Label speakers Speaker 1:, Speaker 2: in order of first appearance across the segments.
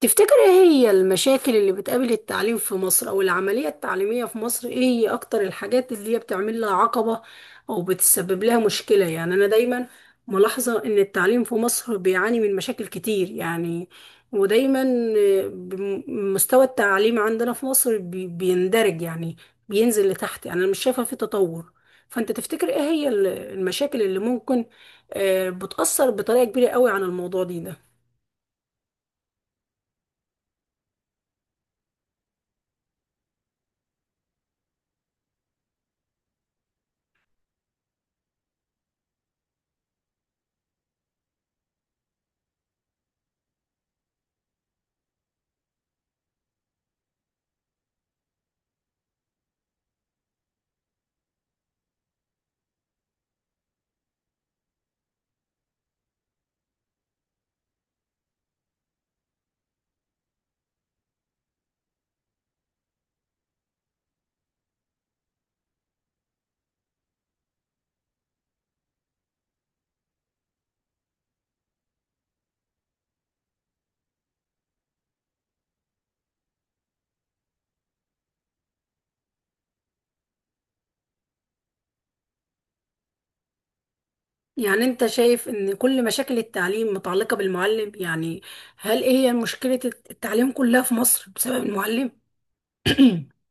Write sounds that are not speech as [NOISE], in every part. Speaker 1: تفتكر ايه هي المشاكل اللي بتقابل التعليم في مصر او العملية التعليمية في مصر؟ ايه هي اكتر الحاجات اللي هي بتعمل لها عقبة او بتسبب لها مشكلة؟ يعني انا دايما ملاحظة ان التعليم في مصر بيعاني من مشاكل كتير، يعني ودايما آه، بم- مستوى التعليم عندنا في مصر بيندرج، يعني بينزل لتحت. يعني انا مش شايفة في تطور. فانت تفتكر ايه هي المشاكل اللي ممكن بتأثر بطريقة كبيرة قوي عن الموضوع ده؟ يعني أنت شايف إن كل مشاكل التعليم متعلقة بالمعلم، يعني هل إيه هي مشكلة التعليم كلها في مصر بسبب المعلم؟ [CLEARS THROAT]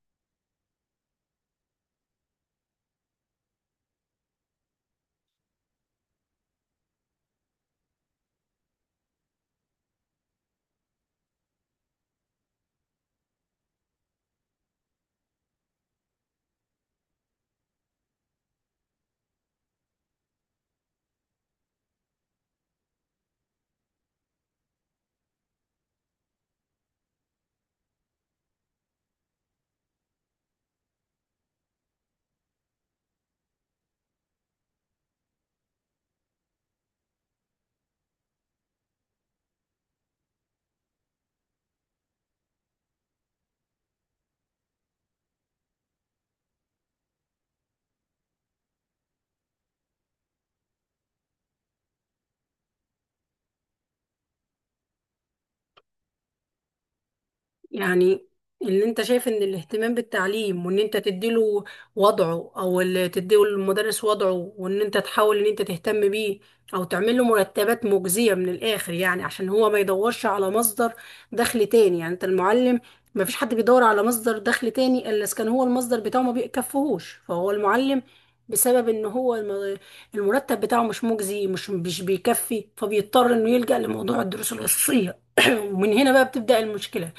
Speaker 1: يعني اللي انت شايف ان الاهتمام بالتعليم، وان انت تديله وضعه او اللي تديله المدرس وضعه، وان انت تحاول ان انت تهتم بيه او تعمل له مرتبات مجزية من الاخر، يعني عشان هو ما يدورش على مصدر دخل تاني. يعني انت المعلم ما فيش حد بيدور على مصدر دخل تاني الا اذا كان هو المصدر بتاعه ما بيكفيهوش، فهو المعلم بسبب ان هو المرتب بتاعه مش مجزي، مش بيكفي، فبيضطر انه يلجأ لموضوع الدروس الخصوصية. [CLEARS THROAT] ومن هنا بقى بتبدأ المشكلة.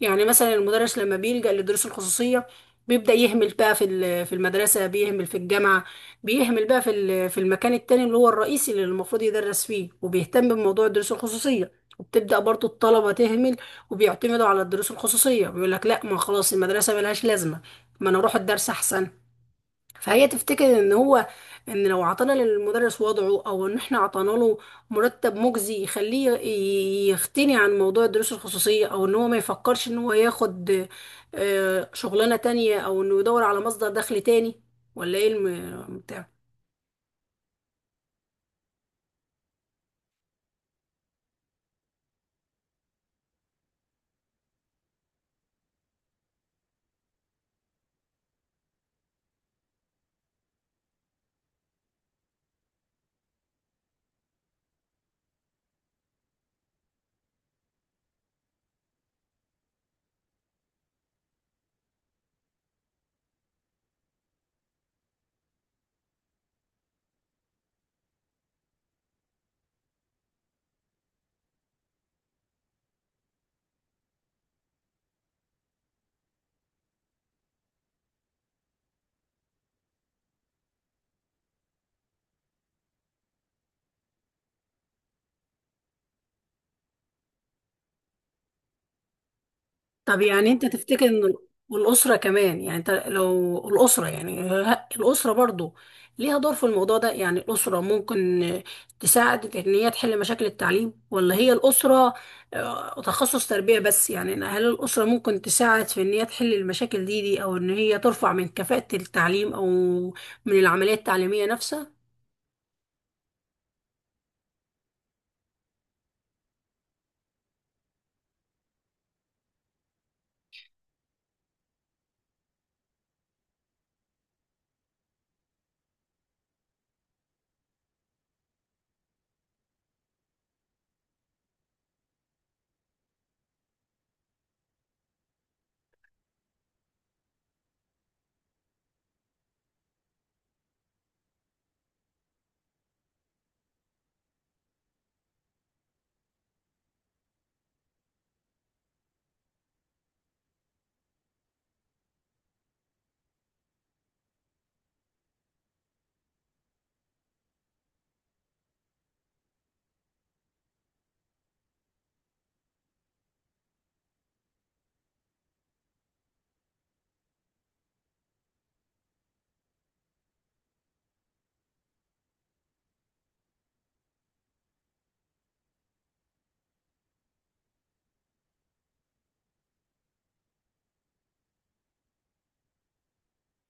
Speaker 1: يعني مثلا المدرس لما بيلجأ للدروس الخصوصية بيبدأ يهمل بقى في في المدرسة، بيهمل في الجامعة، بيهمل بقى في في المكان التاني اللي هو الرئيسي اللي المفروض يدرس فيه، وبيهتم بموضوع الدروس الخصوصية. وبتبدأ برضو الطلبة تهمل وبيعتمدوا على الدروس الخصوصية، بيقول لك لا، ما خلاص المدرسة ملهاش لازمة، ما انا اروح الدرس احسن. فهي تفتكر ان هو، ان لو عطانا للمدرس وضعه، او ان احنا عطانا له مرتب مجزي يخليه يغتني عن موضوع الدروس الخصوصية، او ان هو ما يفكرش ان هو ياخد شغلانة تانية، او انه يدور على مصدر دخل تاني، ولا ايه بتاع؟ طب يعني انت تفتكر ان والاسره كمان، يعني انت لو الاسره، يعني الاسره برضو ليها دور في الموضوع ده؟ يعني الاسره ممكن تساعد في ان هي تحل مشاكل التعليم، ولا هي الاسره تخصص تربيه بس؟ يعني ان هل الاسره ممكن تساعد في ان هي تحل المشاكل دي، او ان هي ترفع من كفاءه التعليم او من العمليه التعليميه نفسها؟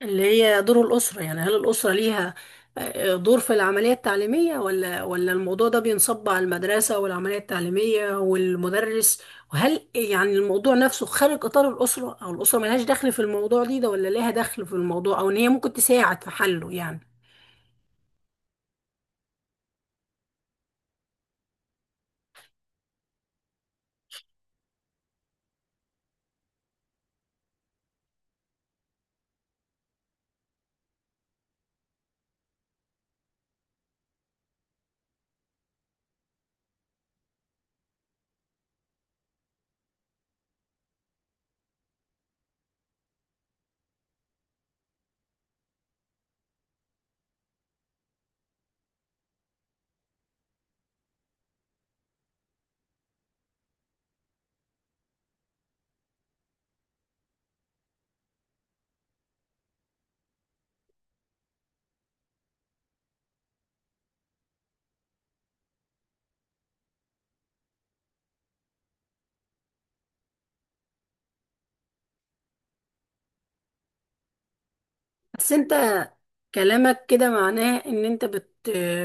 Speaker 1: اللي هي دور الأسرة، يعني هل الأسرة ليها دور في العملية التعليمية، ولا الموضوع ده بينصب على المدرسة والعملية التعليمية والمدرس؟ وهل يعني الموضوع نفسه خارج إطار الأسرة، أو الأسرة ملهاش دخل في الموضوع ده، ولا ليها دخل في الموضوع، أو إن هي ممكن تساعد في حله؟ يعني بس انت كلامك كده معناه ان انت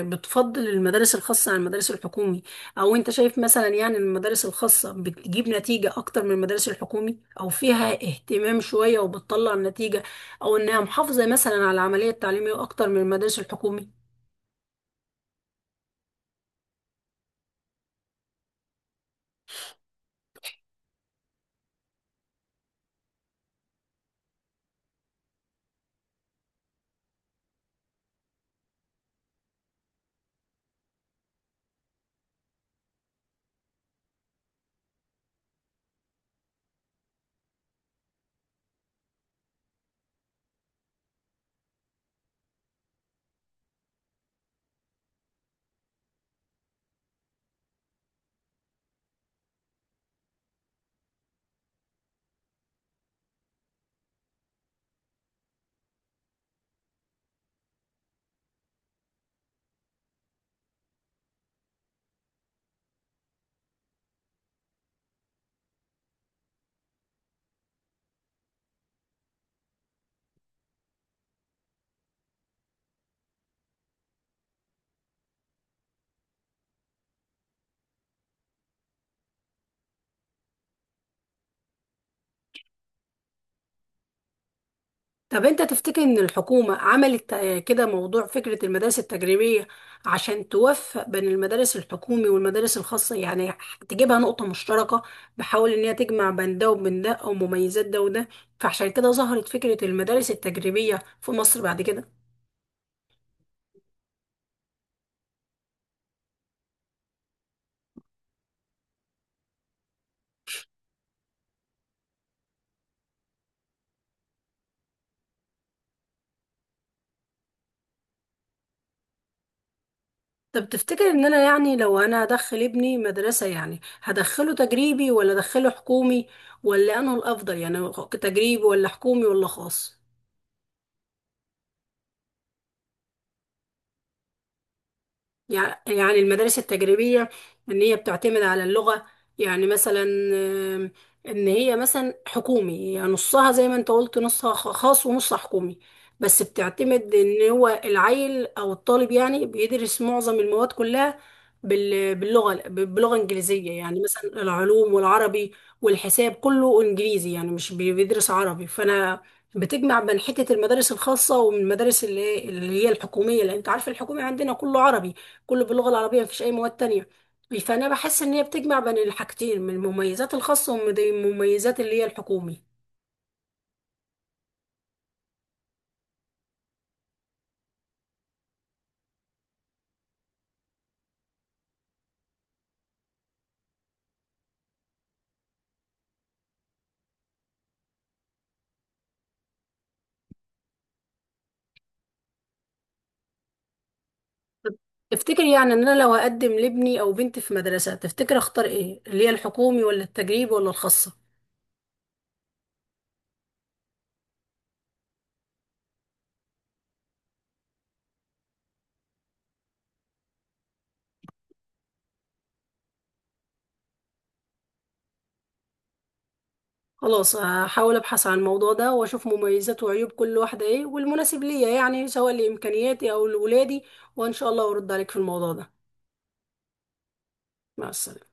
Speaker 1: بتفضل المدارس الخاصة عن المدارس الحكومي، او انت شايف مثلا يعني المدارس الخاصة بتجيب نتيجة اكتر من المدارس الحكومي، او فيها اهتمام شوية وبتطلع نتيجة، او انها محافظة مثلا على العملية التعليمية اكتر من المدارس الحكومي؟ طب انت تفتكر ان الحكومة عملت كده موضوع فكرة المدارس التجريبية عشان توفق بين المدارس الحكومي والمدارس الخاصة؟ يعني تجيبها نقطة مشتركة، بحاول ان هي تجمع بين ده وبين ده او مميزات ده وده، فعشان كده ظهرت فكرة المدارس التجريبية في مصر بعد كده. طب تفتكر ان انا يعني لو انا هدخل ابني مدرسة، يعني هدخله تجريبي ولا ادخله حكومي، ولا انه الافضل، يعني تجريبي ولا حكومي ولا خاص؟ يعني المدارس التجريبية إن هي بتعتمد على اللغة، يعني مثلا إن هي مثلا حكومي، يعني نصها زي ما أنت قلت، نصها خاص ونصها حكومي، بس بتعتمد إن هو العيل أو الطالب يعني بيدرس معظم المواد كلها باللغة، بلغة إنجليزية، يعني مثلا العلوم والعربي والحساب كله إنجليزي، يعني مش بيدرس عربي. فأنا بتجمع بين حتة المدارس الخاصة ومن المدارس اللي هي الحكومية، لأن أنت عارف الحكومي عندنا كله عربي، كله باللغة العربية، مفيش أي مواد تانية، فأنا بحس إن هي بتجمع بين الحاجتين، من المميزات الخاصة ومن المميزات اللي هي الحكومي. تفتكر يعني إن أنا لو هقدم لابني أو بنتي في مدرسة، تفتكر أختار إيه، اللي هي الحكومي ولا التجريبي ولا الخاصة؟ خلاص، هحاول أبحث عن الموضوع ده وأشوف مميزات وعيوب كل واحدة إيه والمناسب ليا، يعني سواء لإمكانياتي أو لولادي، وإن شاء الله أرد عليك في الموضوع ده. مع السلامة.